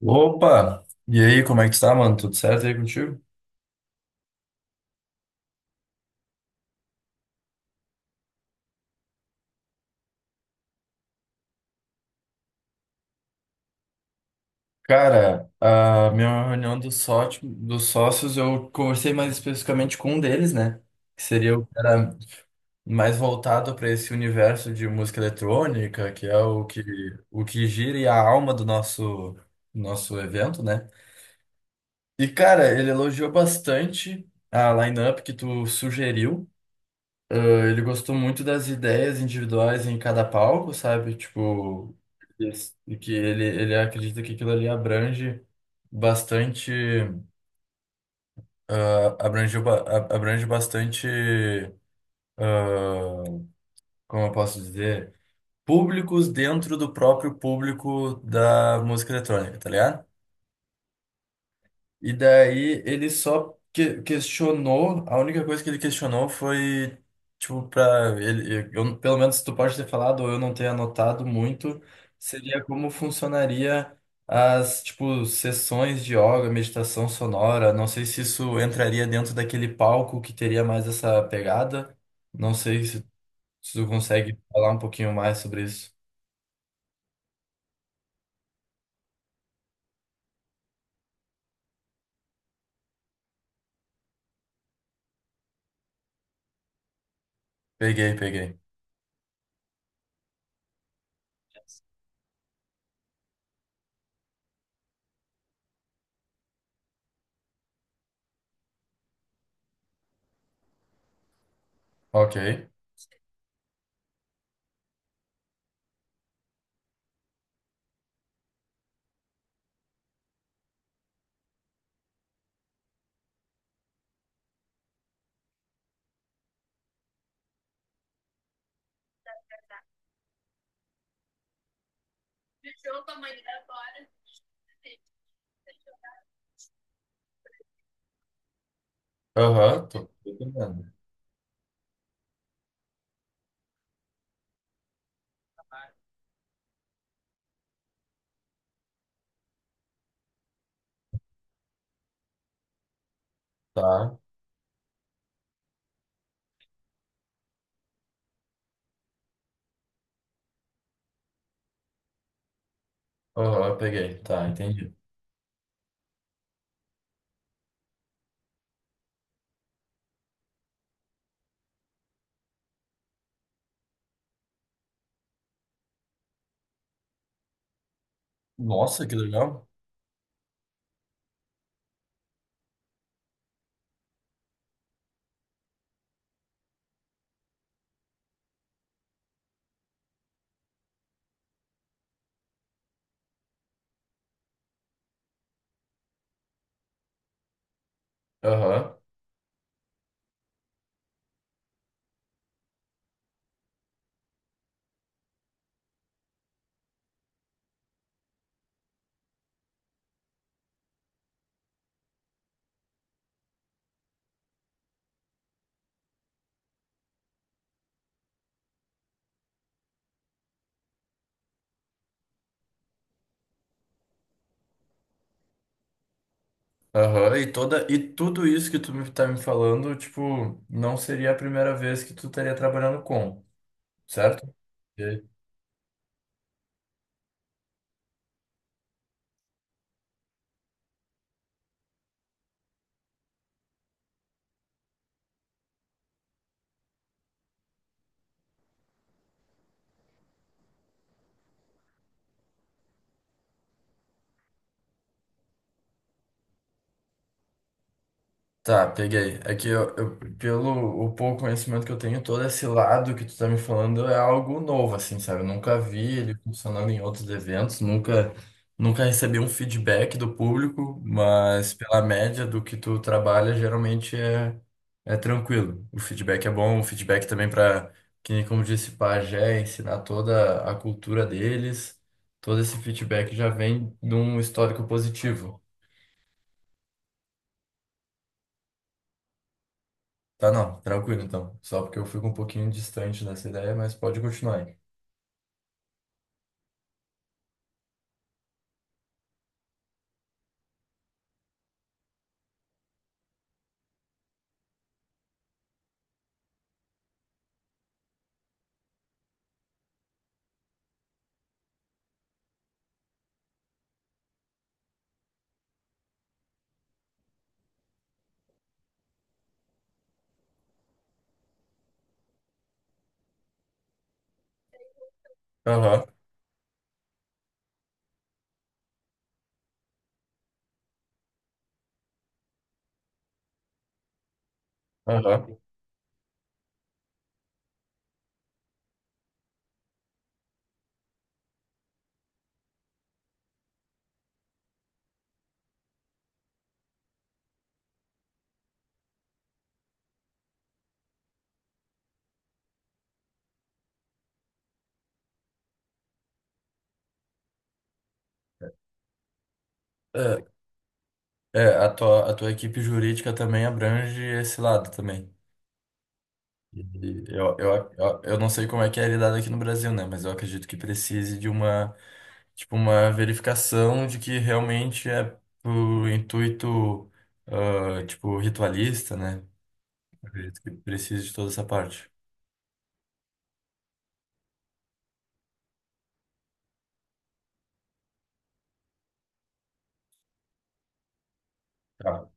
Opa! E aí, como é que tu tá, mano? Tudo certo aí contigo? Cara, a minha reunião dos sócios, eu conversei mais especificamente com um deles, né? Que seria o cara mais voltado para esse universo de música eletrônica, que é o que gira e a alma do nosso evento, né? E, cara, ele elogiou bastante a lineup que tu sugeriu. Ah, Ele gostou muito das ideias individuais em cada palco, sabe? Tipo, Yes. E que ele acredita que aquilo ali abrange bastante, abrange bastante, ah, como eu posso dizer, públicos dentro do próprio público da música eletrônica, tá ligado? E daí ele só questionou. A única coisa que ele questionou foi, tipo, pra ele, eu, pelo menos tu pode ter falado ou eu não ter anotado muito, seria como funcionaria as, tipo, sessões de yoga, meditação sonora. Não sei se isso entraria dentro daquele palco que teria mais essa pegada, não sei se, se tu consegue falar um pouquinho mais sobre isso. Peguei, peguei. Ok. Aham, tô entendendo. Tá. Aham, peguei. Tá, entendi. Nossa, que legal. Aham, aham. E e tudo isso que tá me falando, tipo, não seria a primeira vez que tu estaria trabalhando com, certo? Tá, peguei. É que pelo o pouco conhecimento que eu tenho, todo esse lado que tu tá me falando é algo novo, assim, sabe? Eu nunca vi ele funcionando em outros eventos, nunca recebi um feedback do público, mas pela média do que tu trabalha, geralmente é tranquilo. O feedback é bom, o feedback também para, que nem como disse Pajé, ensinar toda a cultura deles, todo esse feedback já vem de um histórico positivo. Tá, não, tranquilo então. Só porque eu fico um pouquinho distante dessa ideia, mas pode continuar aí. Aham, aham. É, a tua, a tua equipe jurídica também abrange esse lado também. E eu não sei como é que é lidado aqui no Brasil, né? Mas eu acredito que precise de uma, tipo, uma verificação de que realmente é pro intuito, ah, tipo, ritualista, né? Eu acredito que precise de toda essa parte. Tá.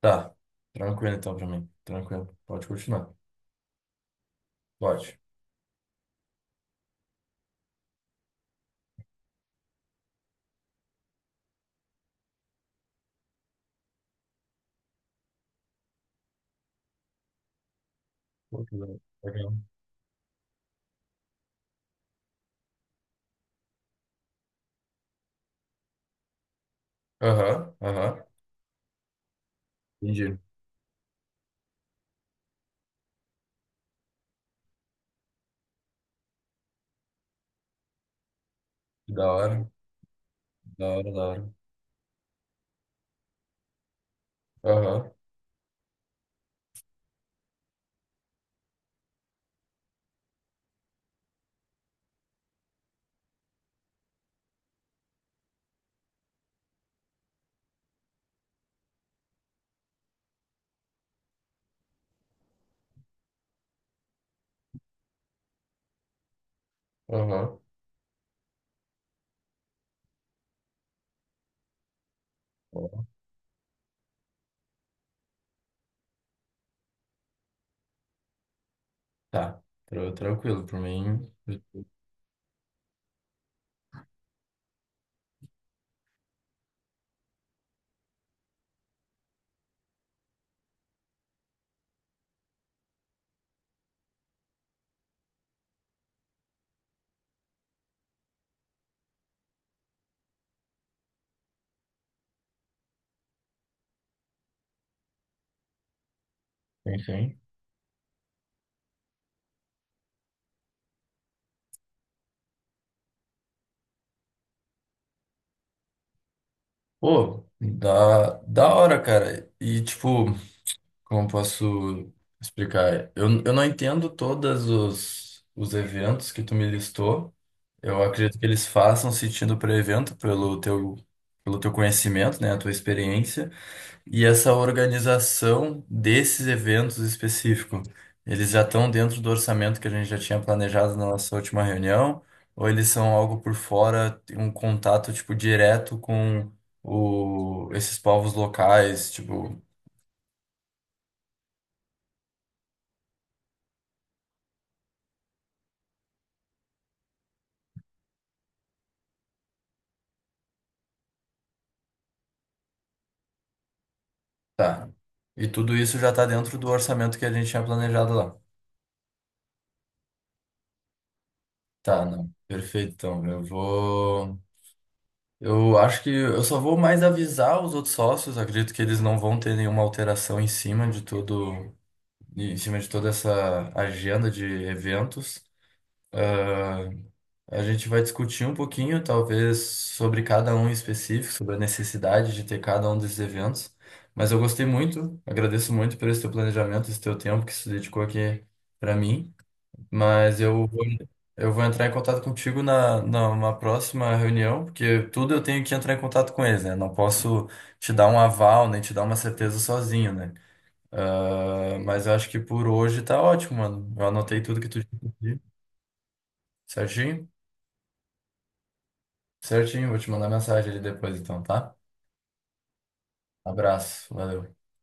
Tá, tranquilo então pra mim. Tranquilo, pode continuar. Pode. Pô, que legal. Legal. Aham, aham. Entendi. Da hora, da hora, da hora. Aham, aham. Ó, tá, tranquilo, por mim. Enfim. Pô, da, da hora, cara. E, tipo, como posso explicar? Eu não entendo todos os eventos que tu me listou. Eu acredito que eles façam sentido para evento, pelo pelo teu conhecimento, né? A tua experiência. E essa organização desses eventos específicos, eles já estão dentro do orçamento que a gente já tinha planejado na nossa última reunião, ou eles são algo por fora, tem um contato tipo direto com esses povos locais, tipo, tá. E tudo isso já está dentro do orçamento que a gente tinha planejado lá. Tá, não. Perfeito, então. Eu vou. Eu acho que eu só vou mais avisar os outros sócios, acredito que eles não vão ter nenhuma alteração em cima de tudo em cima de toda essa agenda de eventos. Ah, a gente vai discutir um pouquinho, talvez, sobre cada um em específico, sobre a necessidade de ter cada um desses eventos. Mas eu gostei muito, agradeço muito por esse teu planejamento, esse teu tempo que se dedicou aqui para mim. Mas eu vou entrar em contato contigo numa próxima reunião, porque tudo eu tenho que entrar em contato com eles, né? Não posso te dar um aval, nem te dar uma certeza sozinho, né? Ah, mas eu acho que por hoje tá ótimo, mano. Eu anotei tudo que tu tinha pedido. Certinho? Certinho, vou te mandar mensagem ali depois, então, tá? Abraço, valeu.